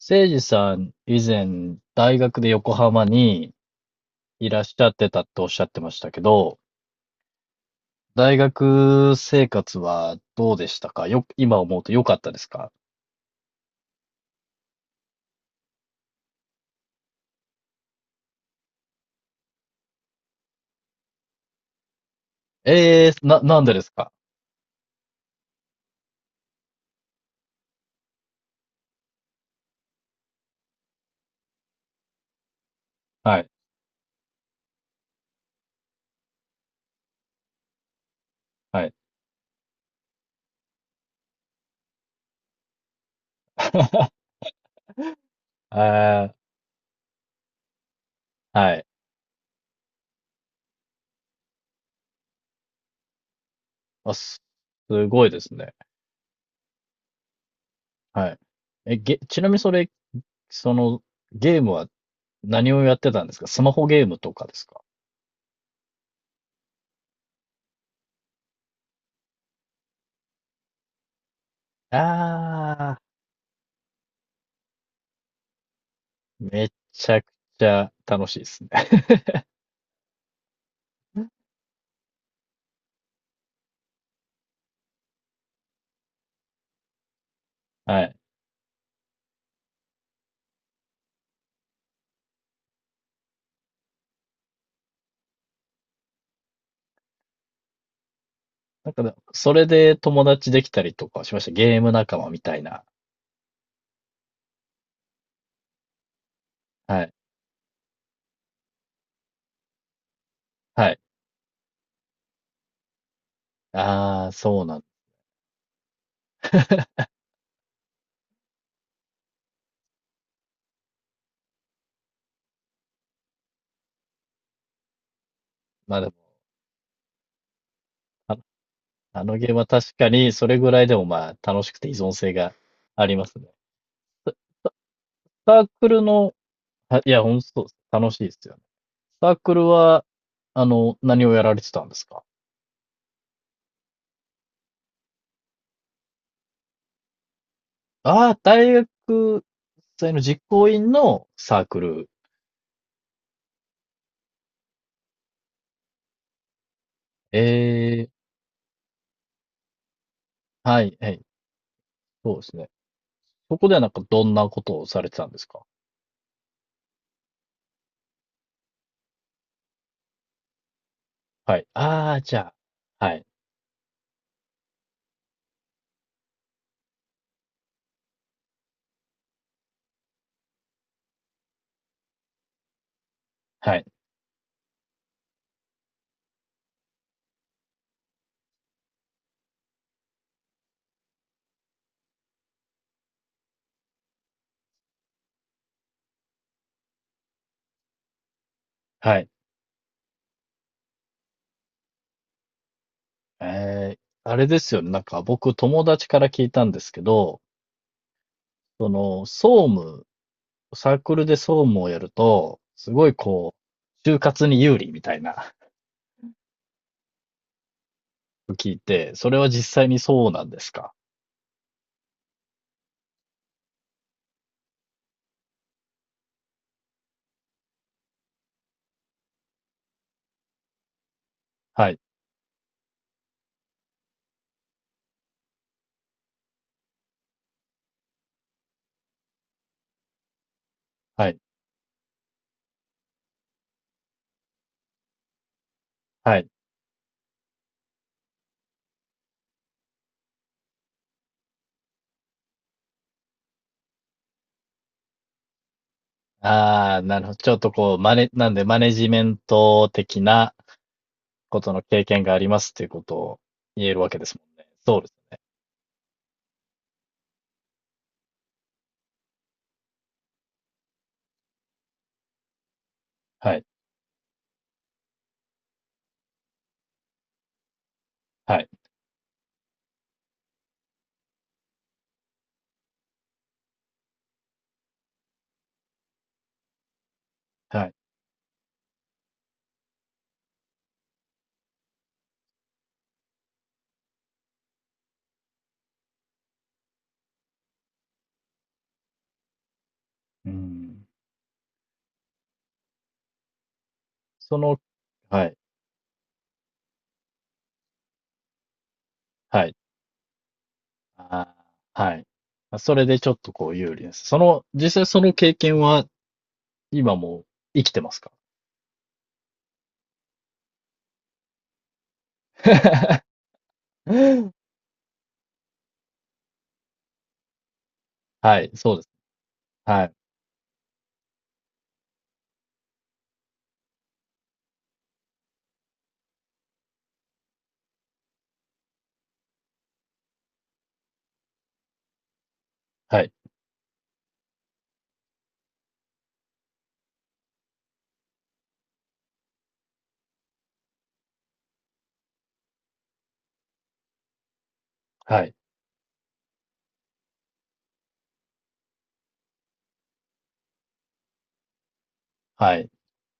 せいじさん、以前、大学で横浜にいらっしゃってたっておっしゃってましたけど、大学生活はどうでしたか、今思うと良かったですか？ええー、なんでですか？はい、はい。えー、はい。あ、す、すごいですね。はい。ちなみにそれ、その、ゲームは何をやってたんですか？スマホゲームとかですか？ああー、めちゃくちゃ楽しいですね。はい。なんかねそれで友達できたりとかしました。ゲーム仲間みたいな。はい。はい。ああ、そうなん。 まあでも、あの、あのゲームは確かにそれぐらいでもまあ楽しくて依存性がありますね。サークルの、あいや、ほんとそうです。楽しいですよね。サークルは、あの、何をやられてたんですか？ああー、大学生の実行委員のサークル。ええ、はい、はい。そうですね。そこではなんかどんなことをされてたんですか？はい。ああ、じゃあ。はい。はい。はい。えー、あれですよね。なんか僕友達から聞いたんですけど、その、総務、サークルで総務をやると、すごいこう、就活に有利みたいな。 聞いて、それは実際にそうなんですか？はい。はい。はい。ああ、なるほど。ちょっとこう、なんでマネジメント的なことの経験がありますっていうことを言えるわけですもんね。そうです。はい。はい。はい。うん。その、はい。はい。あー、はい。まそれでちょっとこう有利です。その、実際その経験は今も生きてますか？はい、そうです。はい、はい、はい、はい。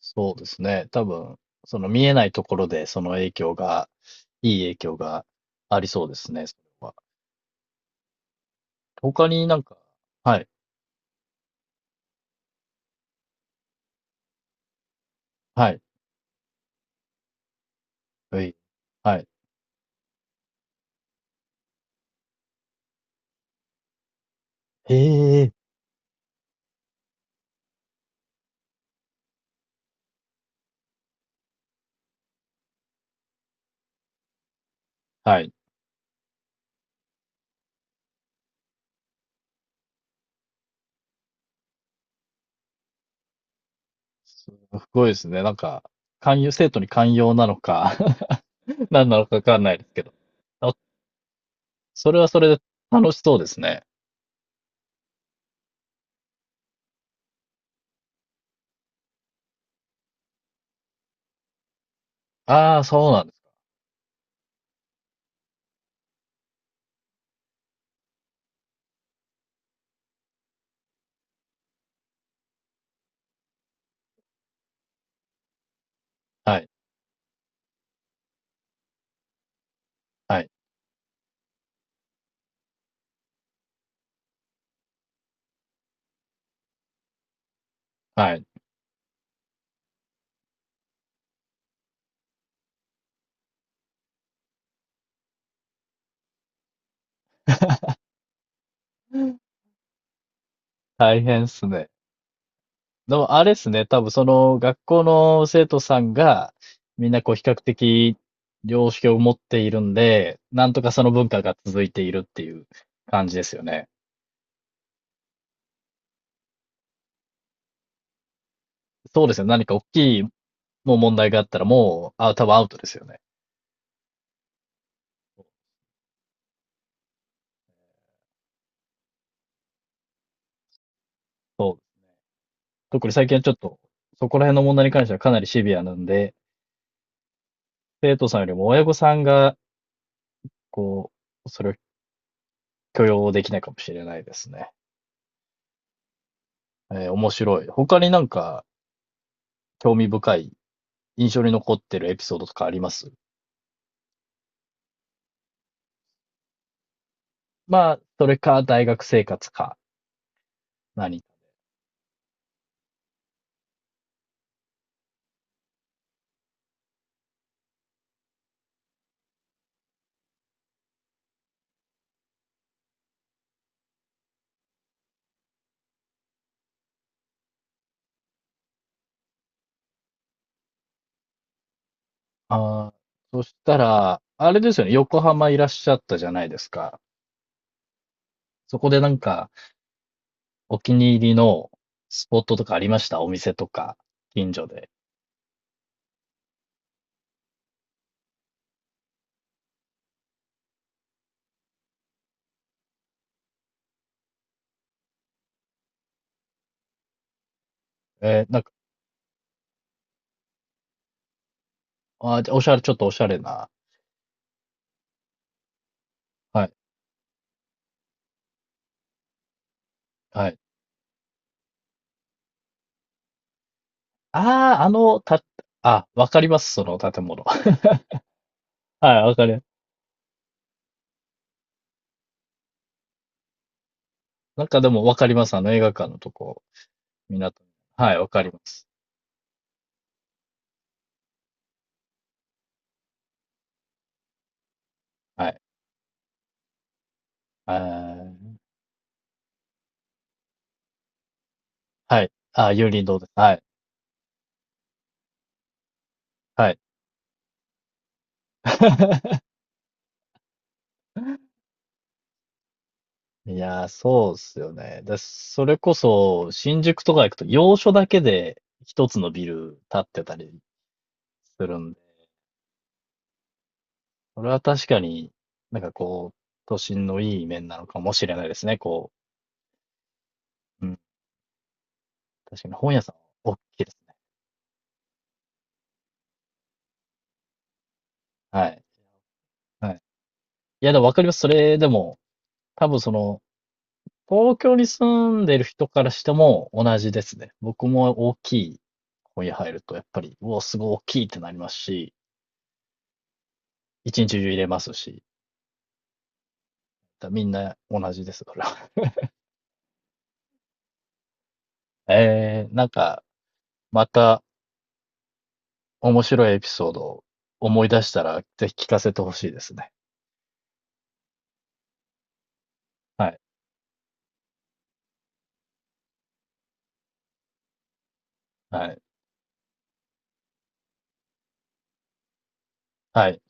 そうですね。多分、その見えないところでその影響が、いい影響がありそうですね、それは。他になんか、はい、はい、はい、はい。へえ。はい。すごいですね。なんか、寛容、生徒に寛容なのか、 何なのかわかんないですけど。あ、それはそれで楽しそうですね。ああ、そうなんです。はい、はい、はい。大変っすね。でも、あれっすね。多分、その、学校の生徒さんが、みんなこう、比較的、良識を持っているんで、なんとかその文化が続いているっていう感じですよね。そうですよね。何か大きいもう問題があったら、もう、あ、多分アウトですよね。そう、特に最近はちょっと、そこら辺の問題に関してはかなりシビアなんで、生徒さんよりも親御さんが、こう、それを許容できないかもしれないですね。えー、面白い。他になんか興味深い、印象に残ってるエピソードとかあります？まあ、それか大学生活か、何か、ああ、そしたら、あれですよね、横浜いらっしゃったじゃないですか。そこでなんか、お気に入りのスポットとかありました？お店とか、近所で。えーなんか、あー、じゃあおしゃれ、ちょっとおしゃれな。はい、はい。ああ、あの、た、あ、わかります、その建物。はい、わかる。なんかでもわかります、あの映画館のとこ、港。はい、わかります。はい。あー、はい。あー、有林堂です。はい、はい。いやー、そうっすよね。で、それこそ、新宿とか行くと、要所だけで一つのビル建ってたりするんで、それは確かに、なんかこう、都心のいい面なのかもしれないですね、こう。うん。確かに本屋さん、大きいですね。はい。はい。いや、でもわかります。それでも、多分その、東京に住んでる人からしても同じですね。僕も大きい本屋入ると、やっぱり、うお、すごい大きいってなりますし、一日中入れますし、だみんな同じです、それは。えー、なんか、また面白いエピソードを思い出したら、ぜひ聞かせてほしいですね。はい。はい。はい。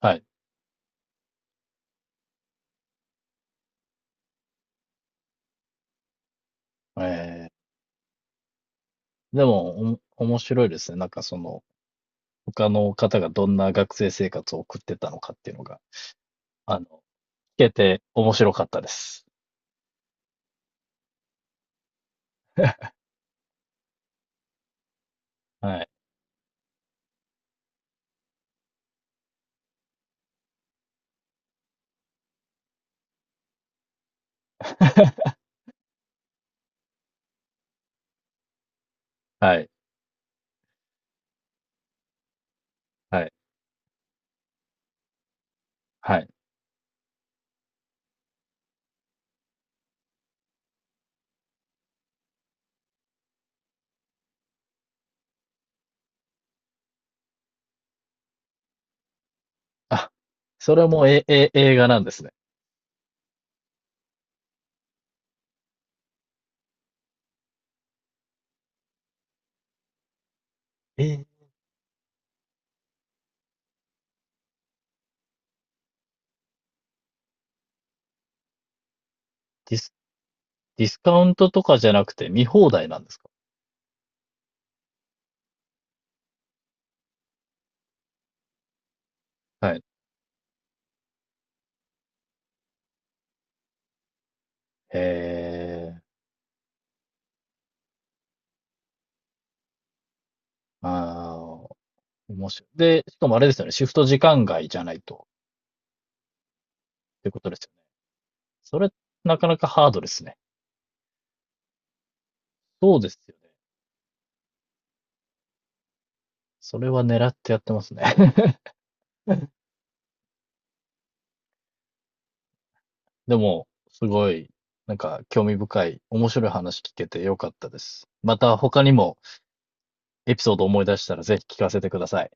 はい。えー、でも、おも面白いですね。なんかその、他の方がどんな学生生活を送ってたのかっていうのが。あの、聞けて面白かったです。はい。はい。はい。はい。あ、それも映画なんですね。えーディス、ディスカウントとかじゃなくて見放題なんですか？はい。へえ、ああ、面白い。で、しかもあれですよね。シフト時間外じゃないと、ってことですよね。それ、なかなかハードですね。そうですよね。それは狙ってやってますね。でも、すごい、なんか興味深い、面白い話聞けてよかったです。また他にも、エピソードを思い出したらぜひ聞かせてください。